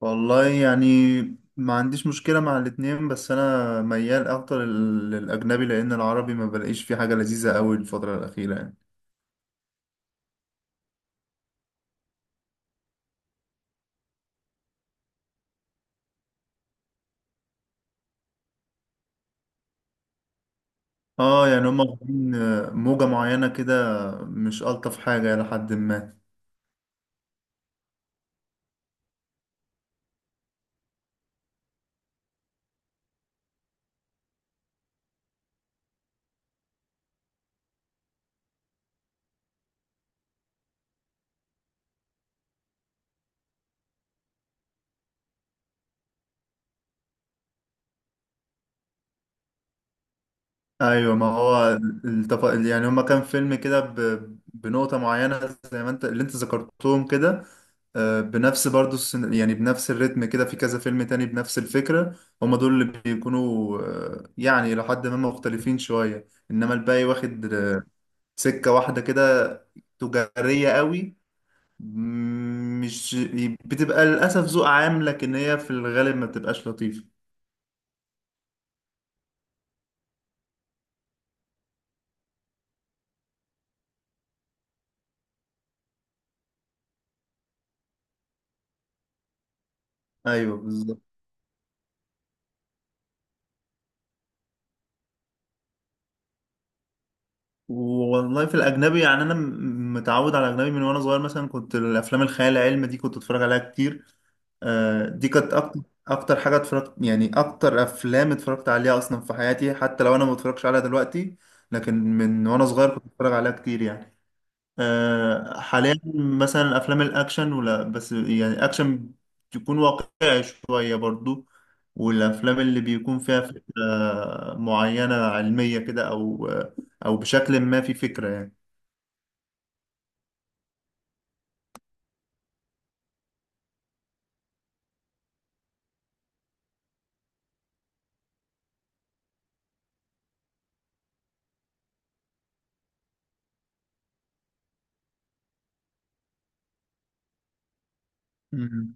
والله، يعني ما عنديش مشكلة مع الاتنين، بس أنا ميال أكتر للأجنبي، لأن العربي ما بلاقيش فيه حاجة لذيذة أوي الفترة الأخيرة، يعني. اه، يعني هما واخدين موجة معينة كده، مش ألطف حاجة إلى حد ما. ايوه، ما هو يعني هما، كان فيلم كده بنقطة معينة زي ما انت، اللي انت ذكرتهم كده. بنفس برضو يعني بنفس الريتم كده في كذا فيلم تاني بنفس الفكرة. هما دول اللي بيكونوا، يعني لحد ما مختلفين شوية، انما الباقي واخد سكة واحدة كده، تجارية قوي. مش بتبقى للأسف ذوق عام، لكن هي في الغالب ما بتبقاش لطيفة. ايوه، بالظبط. والله، في الاجنبي، يعني انا متعود على الاجنبي من وانا صغير. مثلا كنت الافلام الخيال العلمي دي كنت اتفرج عليها كتير. دي كانت اكتر حاجه اتفرجت، يعني اكتر افلام اتفرجت عليها اصلا في حياتي، حتى لو انا ما بتفرجش عليها دلوقتي. لكن من وانا صغير كنت اتفرج عليها كتير يعني. حاليا مثلا افلام الاكشن، ولا بس يعني اكشن تكون واقعي شويه برضو. والافلام اللي بيكون فيها فكره معينه علميه كده، او بشكل ما في فكره يعني. مم.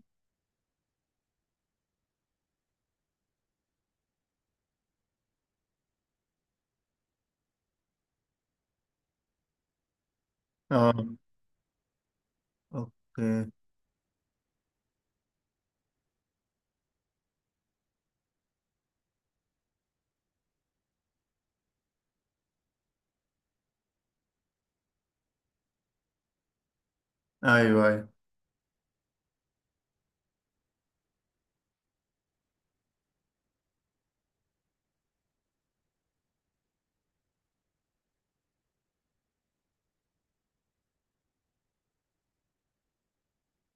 اه. اوكي. ايوه، ايوه.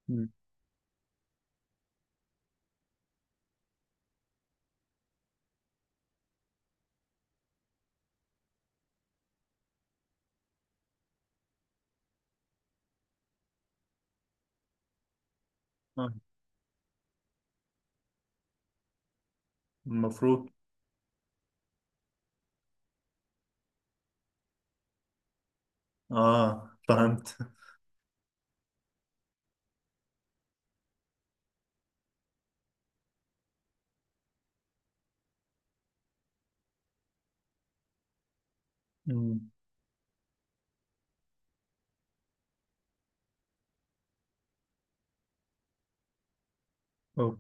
مم. آه، المفروض. اه، فهمت. مم. أو-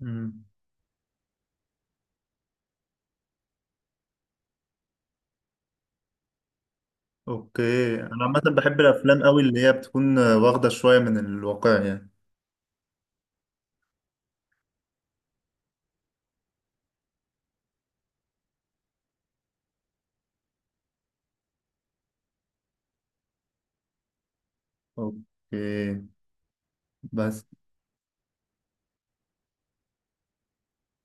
مم. اوكي، انا عامه بحب الافلام قوي اللي هي بتكون واخده شويه من الواقع يعني. اوكي. بس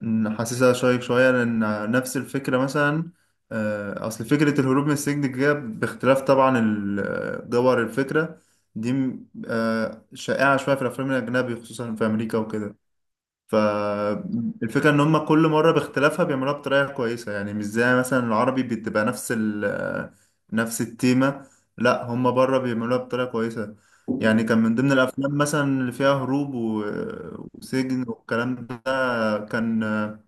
حاسسها شيق شوية، لأن نفس الفكرة مثلا، أصل فكرة الهروب من السجن دي، باختلاف طبعا جوهر الفكرة دي، م، آه، شائعة شوية في الأفلام الأجنبي، خصوصا في أمريكا وكده. فالفكرة إن هما كل مرة باختلافها بيعملوها بطريقة كويسة. يعني مش زي مثلا العربي، بتبقى نفس ال آه، نفس التيمة. لأ، هما بره بيعملوها بطريقة كويسة. يعني كان من ضمن الأفلام مثلا اللي فيها هروب وسجن والكلام ده. كان آه،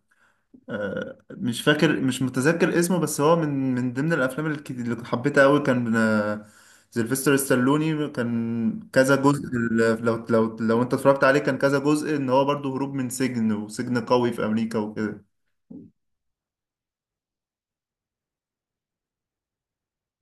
آه، مش متذكر اسمه، بس هو من ضمن الافلام، اللي حبيتها قوي. كان سيلفستر ستالوني، كان كذا جزء. لو انت اتفرجت عليه، كان كذا جزء، ان هو برضه هروب من سجن، وسجن قوي في امريكا وكده.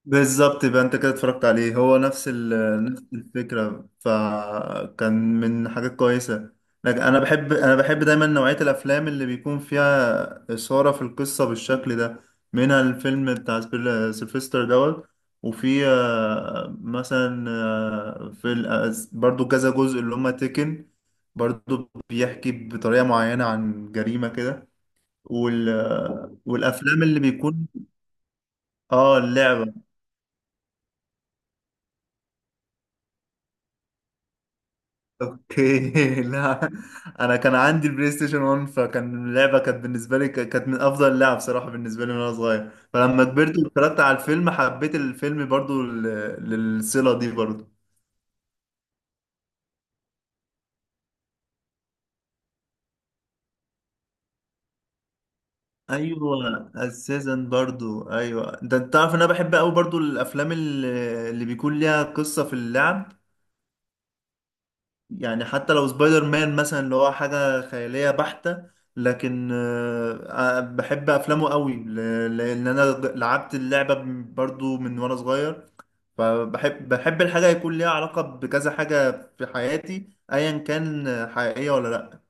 بالظبط. يبقى انت كده اتفرجت عليه، هو نفس الفكرة، فكان من حاجات كويسة. لكن انا بحب دايما نوعية الافلام اللي بيكون فيها إثارة في القصة بالشكل ده، منها الفيلم بتاع سيلفستر دوت. وفي مثلا، في برضو كذا جزء اللي هما تيكن، برضو بيحكي بطريقة معينة عن جريمة كده. والافلام اللي بيكون. اه، اللعبة. اوكي. لا. انا كان عندي البلاي ستيشن 1، فكان اللعبه كانت بالنسبه لي، كانت من افضل اللعب بصراحه بالنسبه لي وانا صغير. فلما كبرت واتفرجت على الفيلم، حبيت الفيلم برضو للصله دي برضو. ايوه، السيزن برضو. ايوه، ده انت تعرف ان انا بحب قوي برضو الافلام اللي بيكون ليها قصه في اللعب. يعني حتى لو سبايدر مان مثلا، اللي هو حاجة خيالية بحتة، لكن بحب أفلامه قوي، لأن أنا لعبت اللعبة برضو من وأنا صغير. فبحب الحاجة يكون ليها علاقة بكذا حاجة في حياتي، أيا كان، حقيقية ولا لأ.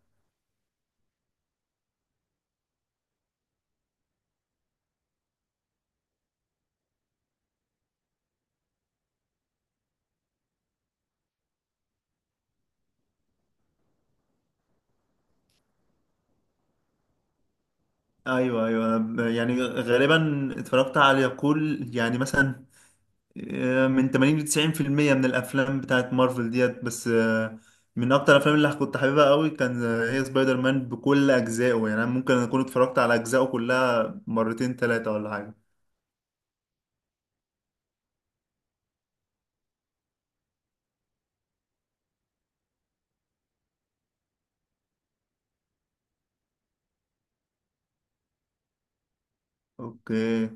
أيوه، أيوه. يعني غالبا اتفرجت على كل، يعني مثلا من 80 ل 90% من الافلام بتاعت مارفل ديت، بس من اكتر الافلام اللي كنت حاببها قوي، كان هي سبايدر مان بكل اجزائه. يعني أنا ممكن اكون اتفرجت على اجزائه كلها مرتين، ثلاثة، ولا حاجة. اوكي.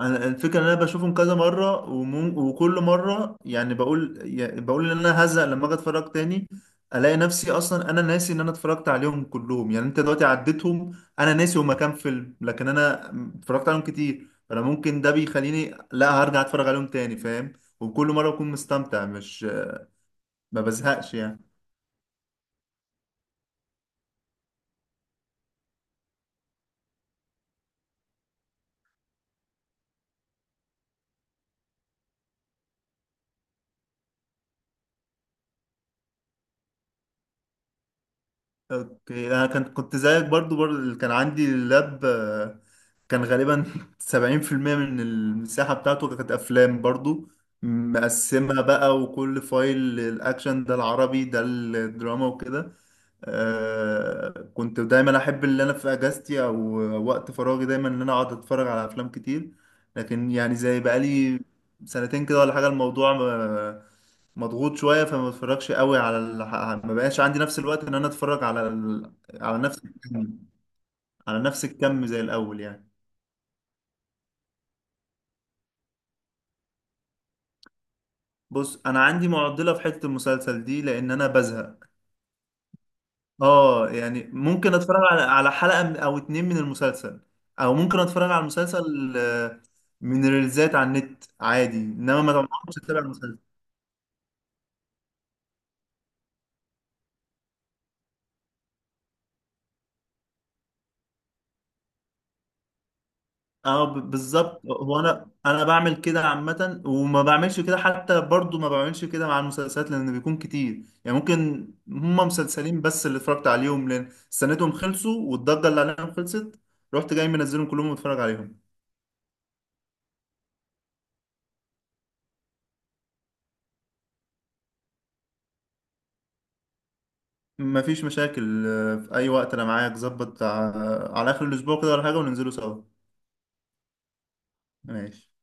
انا الفكره ان انا بشوفهم كذا مره وكل مره يعني، بقول ان انا هزهق لما اجي اتفرج تاني، الاقي نفسي اصلا انا ناسي ان انا اتفرجت عليهم كلهم. يعني انت دلوقتي عديتهم، انا ناسي هما كام فيلم، لكن انا اتفرجت عليهم كتير، فانا ممكن ده بيخليني لا هرجع اتفرج عليهم تاني، فاهم. وكل مره بكون مستمتع، مش ما بزهقش يعني. اوكي. انا كنت زيك برضو، كان عندي اللاب، كان غالبا. 70% من المساحة بتاعته كانت افلام برضو، مقسمها بقى، وكل فايل الاكشن، ده العربي، ده الدراما، وكده. آه، كنت دايما احب اللي انا في اجازتي او وقت فراغي دايما ان انا اقعد اتفرج على افلام كتير. لكن يعني زي بقالي سنتين كده ولا حاجة، الموضوع مضغوط شويه، فما بتفرجش قوي ما بقاش عندي نفس الوقت ان انا اتفرج على نفس الكم على نفس الكم زي الاول يعني. بص، انا عندي معضله في حته المسلسل دي، لان انا بزهق. اه، يعني ممكن اتفرج على حلقه او اتنين من المسلسل، او ممكن اتفرج على المسلسل من ريلزات على النت عادي، انما ما مش اتابع المسلسل. اه، بالظبط. هو انا بعمل كده عامه، وما بعملش كده، حتى برضو ما بعملش كده مع المسلسلات، لان بيكون كتير. يعني ممكن هما مسلسلين بس اللي اتفرجت عليهم، لان استنيتهم خلصوا والضجه اللي عليهم خلصت، رحت جاي منزلهم كلهم واتفرج عليهم. مفيش مشاكل. في اي وقت انا معاك، ظبط على اخر الاسبوع كده ولا حاجه، وننزلوا سوا. ماشي.